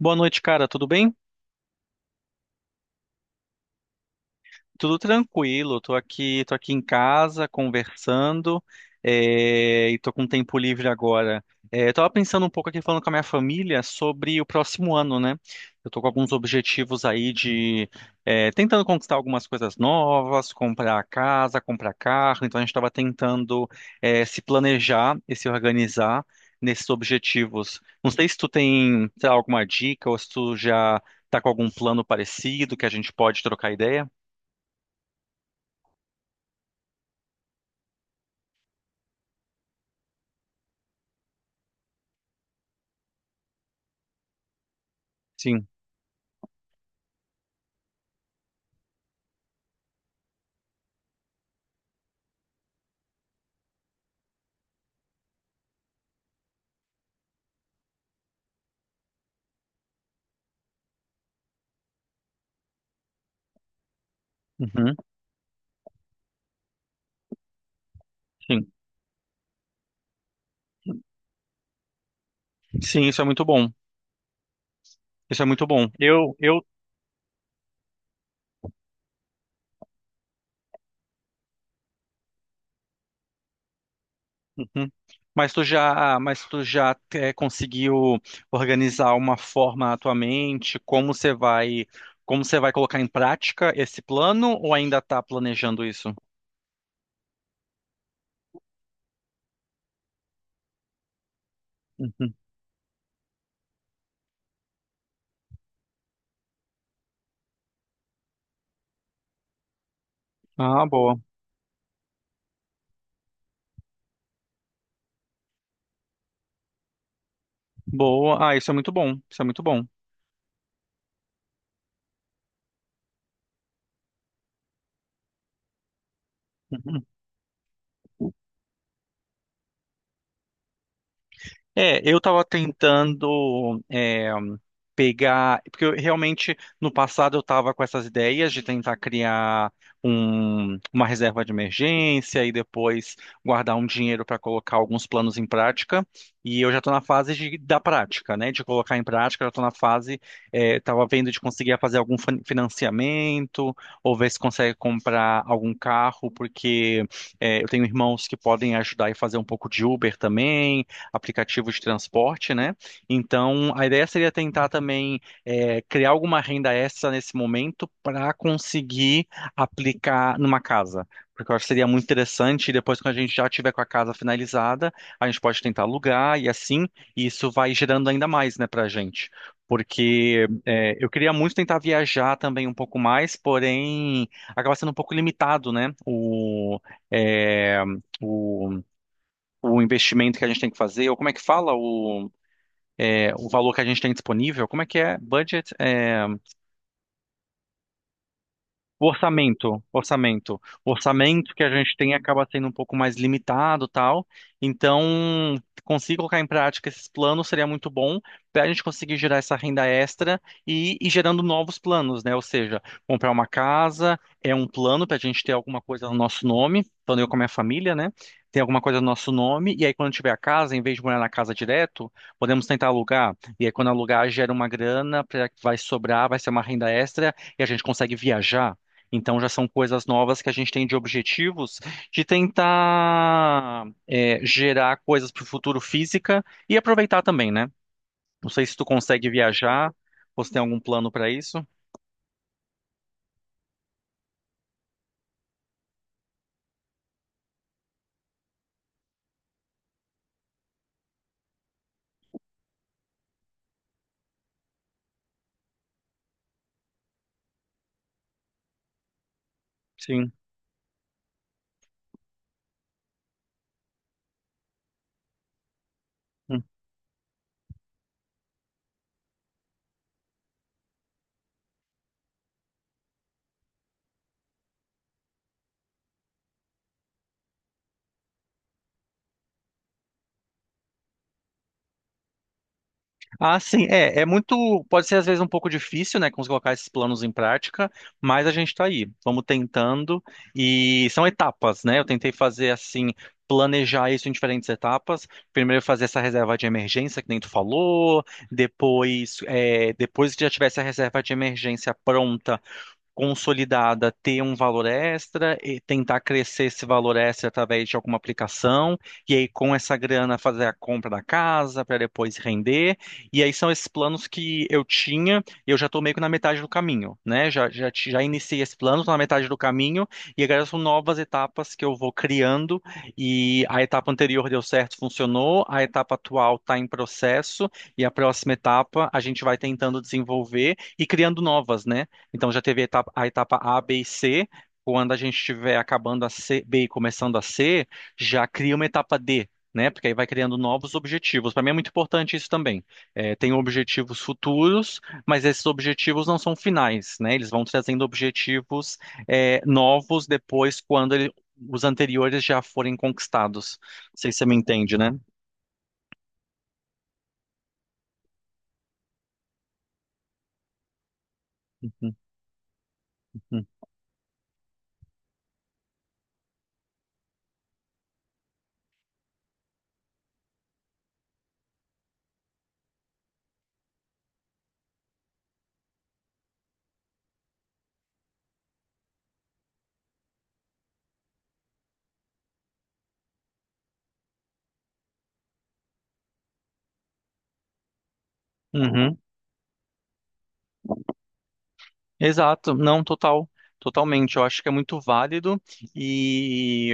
Boa noite, cara. Tudo bem? Tudo tranquilo, tô aqui em casa conversando, e tô com tempo livre agora. Eu tava pensando um pouco aqui falando com a minha família sobre o próximo ano, né? Eu tô com alguns objetivos aí de tentando conquistar algumas coisas novas, comprar casa, comprar carro. Então a gente estava tentando se planejar e se organizar nesses objetivos. Não sei se tu tem, sei lá, alguma dica ou se tu já tá com algum plano parecido que a gente pode trocar ideia. Sim. Uhum, sim. Sim, isso é muito bom. Isso é muito bom. Uhum. Mas tu já conseguiu organizar uma forma na tua mente, como você vai colocar em prática esse plano ou ainda está planejando isso? Uhum. Ah, boa. Boa. Ah, isso é muito bom. Isso é muito bom. Uhum. É, eu estava tentando pegar, porque eu, realmente no passado eu estava com essas ideias de tentar criar uma reserva de emergência e depois guardar um dinheiro para colocar alguns planos em prática. E eu já estou na fase de, da prática, né? De colocar em prática, eu já estou na fase, estava vendo de conseguir fazer algum financiamento ou ver se consegue comprar algum carro, porque eu tenho irmãos que podem ajudar e fazer um pouco de Uber também, aplicativo de transporte, né? Então, a ideia seria tentar também criar alguma renda extra nesse momento para conseguir aplicar numa casa. Porque eu acho que seria muito interessante, e depois quando a gente já tiver com a casa finalizada, a gente pode tentar alugar e assim, e isso vai gerando ainda mais, né, para a gente. Porque eu queria muito tentar viajar também um pouco mais, porém acaba sendo um pouco limitado, né, eh, o, o investimento que a gente tem que fazer, ou como é que fala? O valor que a gente tem disponível, como é que é? Budget, é, orçamento. O orçamento que a gente tem acaba sendo um pouco mais limitado, tal. Então, conseguir colocar em prática esses planos seria muito bom para a gente conseguir gerar essa renda extra e ir gerando novos planos, né? Ou seja, comprar uma casa é um plano para a gente ter alguma coisa no nosso nome, tanto eu como a minha família, né? Tem alguma coisa no nosso nome, e aí quando tiver a casa, em vez de morar na casa direto, podemos tentar alugar. E aí quando alugar, gera uma grana que vai sobrar, vai ser uma renda extra e a gente consegue viajar. Então já são coisas novas que a gente tem de objetivos de tentar gerar coisas para o futuro física e aproveitar também, né? Não sei se tu consegue viajar ou se tem algum plano para isso. Sim. Ah, sim, é, é muito, pode ser às vezes um pouco difícil, né, colocar esses planos em prática, mas a gente tá aí, vamos tentando e são etapas, né? Eu tentei fazer assim, planejar isso em diferentes etapas. Primeiro fazer essa reserva de emergência que nem tu falou, depois, é, depois que já tivesse a reserva de emergência pronta, consolidada ter um valor extra e tentar crescer esse valor extra através de alguma aplicação, e aí com essa grana fazer a compra da casa para depois render. E aí são esses planos que eu tinha, e eu já estou meio que na metade do caminho, né? Já iniciei esse plano, estou na metade do caminho, e agora são novas etapas que eu vou criando, e a etapa anterior deu certo, funcionou, a etapa atual está em processo, e a próxima etapa a gente vai tentando desenvolver e criando novas, né? Então já teve a etapa A, B e C. Quando a gente estiver acabando a C, B e começando a C, já cria uma etapa D, né? Porque aí vai criando novos objetivos. Para mim é muito importante isso também. É, tem objetivos futuros, mas esses objetivos não são finais, né? Eles vão trazendo objetivos, novos depois os anteriores já forem conquistados. Não sei se você me entende, né? Uhum. Exato, não, totalmente. Eu acho que é muito válido e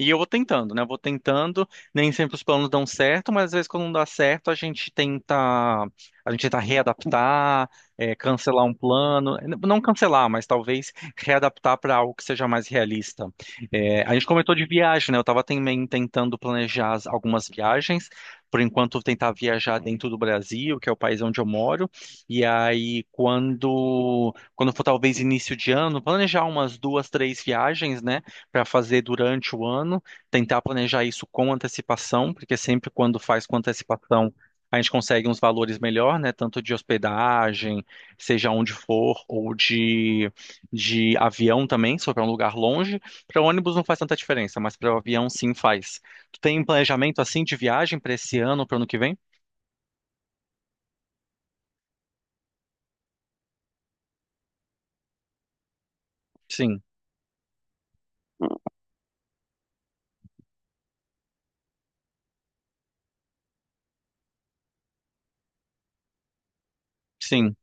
e eu vou tentando, né? Eu vou tentando. Nem sempre os planos dão certo, mas às vezes quando não dá certo, a gente tenta readaptar, cancelar um plano, não cancelar, mas talvez readaptar para algo que seja mais realista. A gente comentou de viagem, né? Eu estava também tentando planejar algumas viagens. Por enquanto, tentar viajar dentro do Brasil, que é o país onde eu moro. E aí, quando for talvez início de ano, planejar umas duas, três viagens, né, para fazer durante o ano, tentar planejar isso com antecipação, porque sempre quando faz com antecipação, a gente consegue uns valores melhor, né, tanto de hospedagem, seja onde for, ou de avião também, se for para um lugar longe. Para ônibus não faz tanta diferença, mas para o avião sim faz. Tu tem um planejamento assim de viagem para esse ano, para o ano que vem? Sim, sim.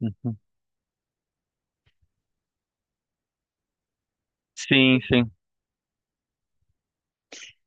Uhum. Sim, sim.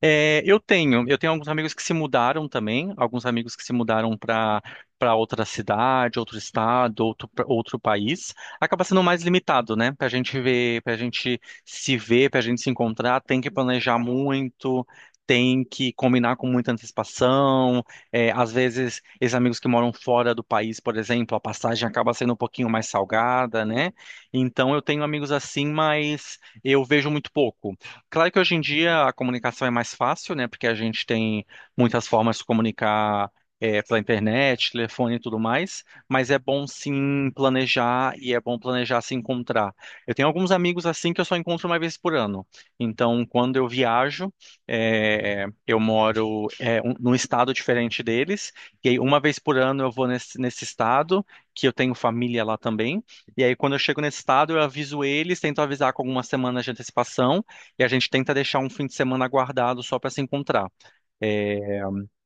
É, eu tenho alguns amigos que se mudaram também, alguns amigos que se mudaram para outra cidade, outro estado, outro país. Acaba sendo mais limitado, né? Para a gente ver, para a gente se ver, para a gente se encontrar, tem que planejar muito, tem que combinar com muita antecipação. É, às vezes, esses amigos que moram fora do país, por exemplo, a passagem acaba sendo um pouquinho mais salgada, né? Então, eu tenho amigos assim, mas eu vejo muito pouco. Claro que hoje em dia a comunicação é mais fácil, né? Porque a gente tem muitas formas de comunicar pela internet, telefone e tudo mais, mas é bom sim planejar e é bom planejar se encontrar. Eu tenho alguns amigos assim que eu só encontro uma vez por ano. Então, quando eu viajo, eu moro num estado diferente deles, e aí uma vez por ano eu vou nesse estado, que eu tenho família lá também, e aí quando eu chego nesse estado eu aviso eles, tento avisar com algumas semanas de antecipação. E a gente tenta deixar um fim de semana guardado só para se encontrar.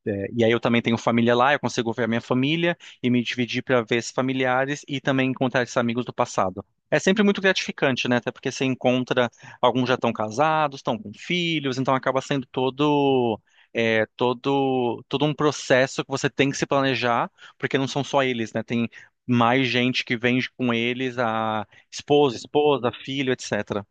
É, e aí eu também tenho família lá, eu consigo ver a minha família e me dividir para ver esses familiares e também encontrar esses amigos do passado. É sempre muito gratificante, né? Até porque você encontra, alguns já estão casados, estão com filhos, então acaba sendo todo um processo que você tem que se planejar, porque não são só eles, né? Tem mais gente que vem com eles, a esposa, esposa, filho, etc.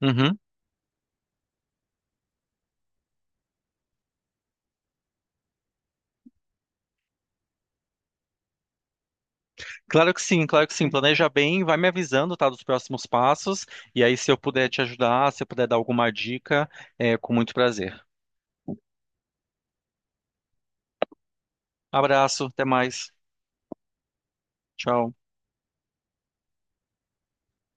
Uhum. Claro que sim, claro que sim. Planeja bem, vai me avisando, tá, dos próximos passos. E aí, se eu puder te ajudar, se eu puder dar alguma dica, é com muito prazer. Abraço, até mais. Tchau.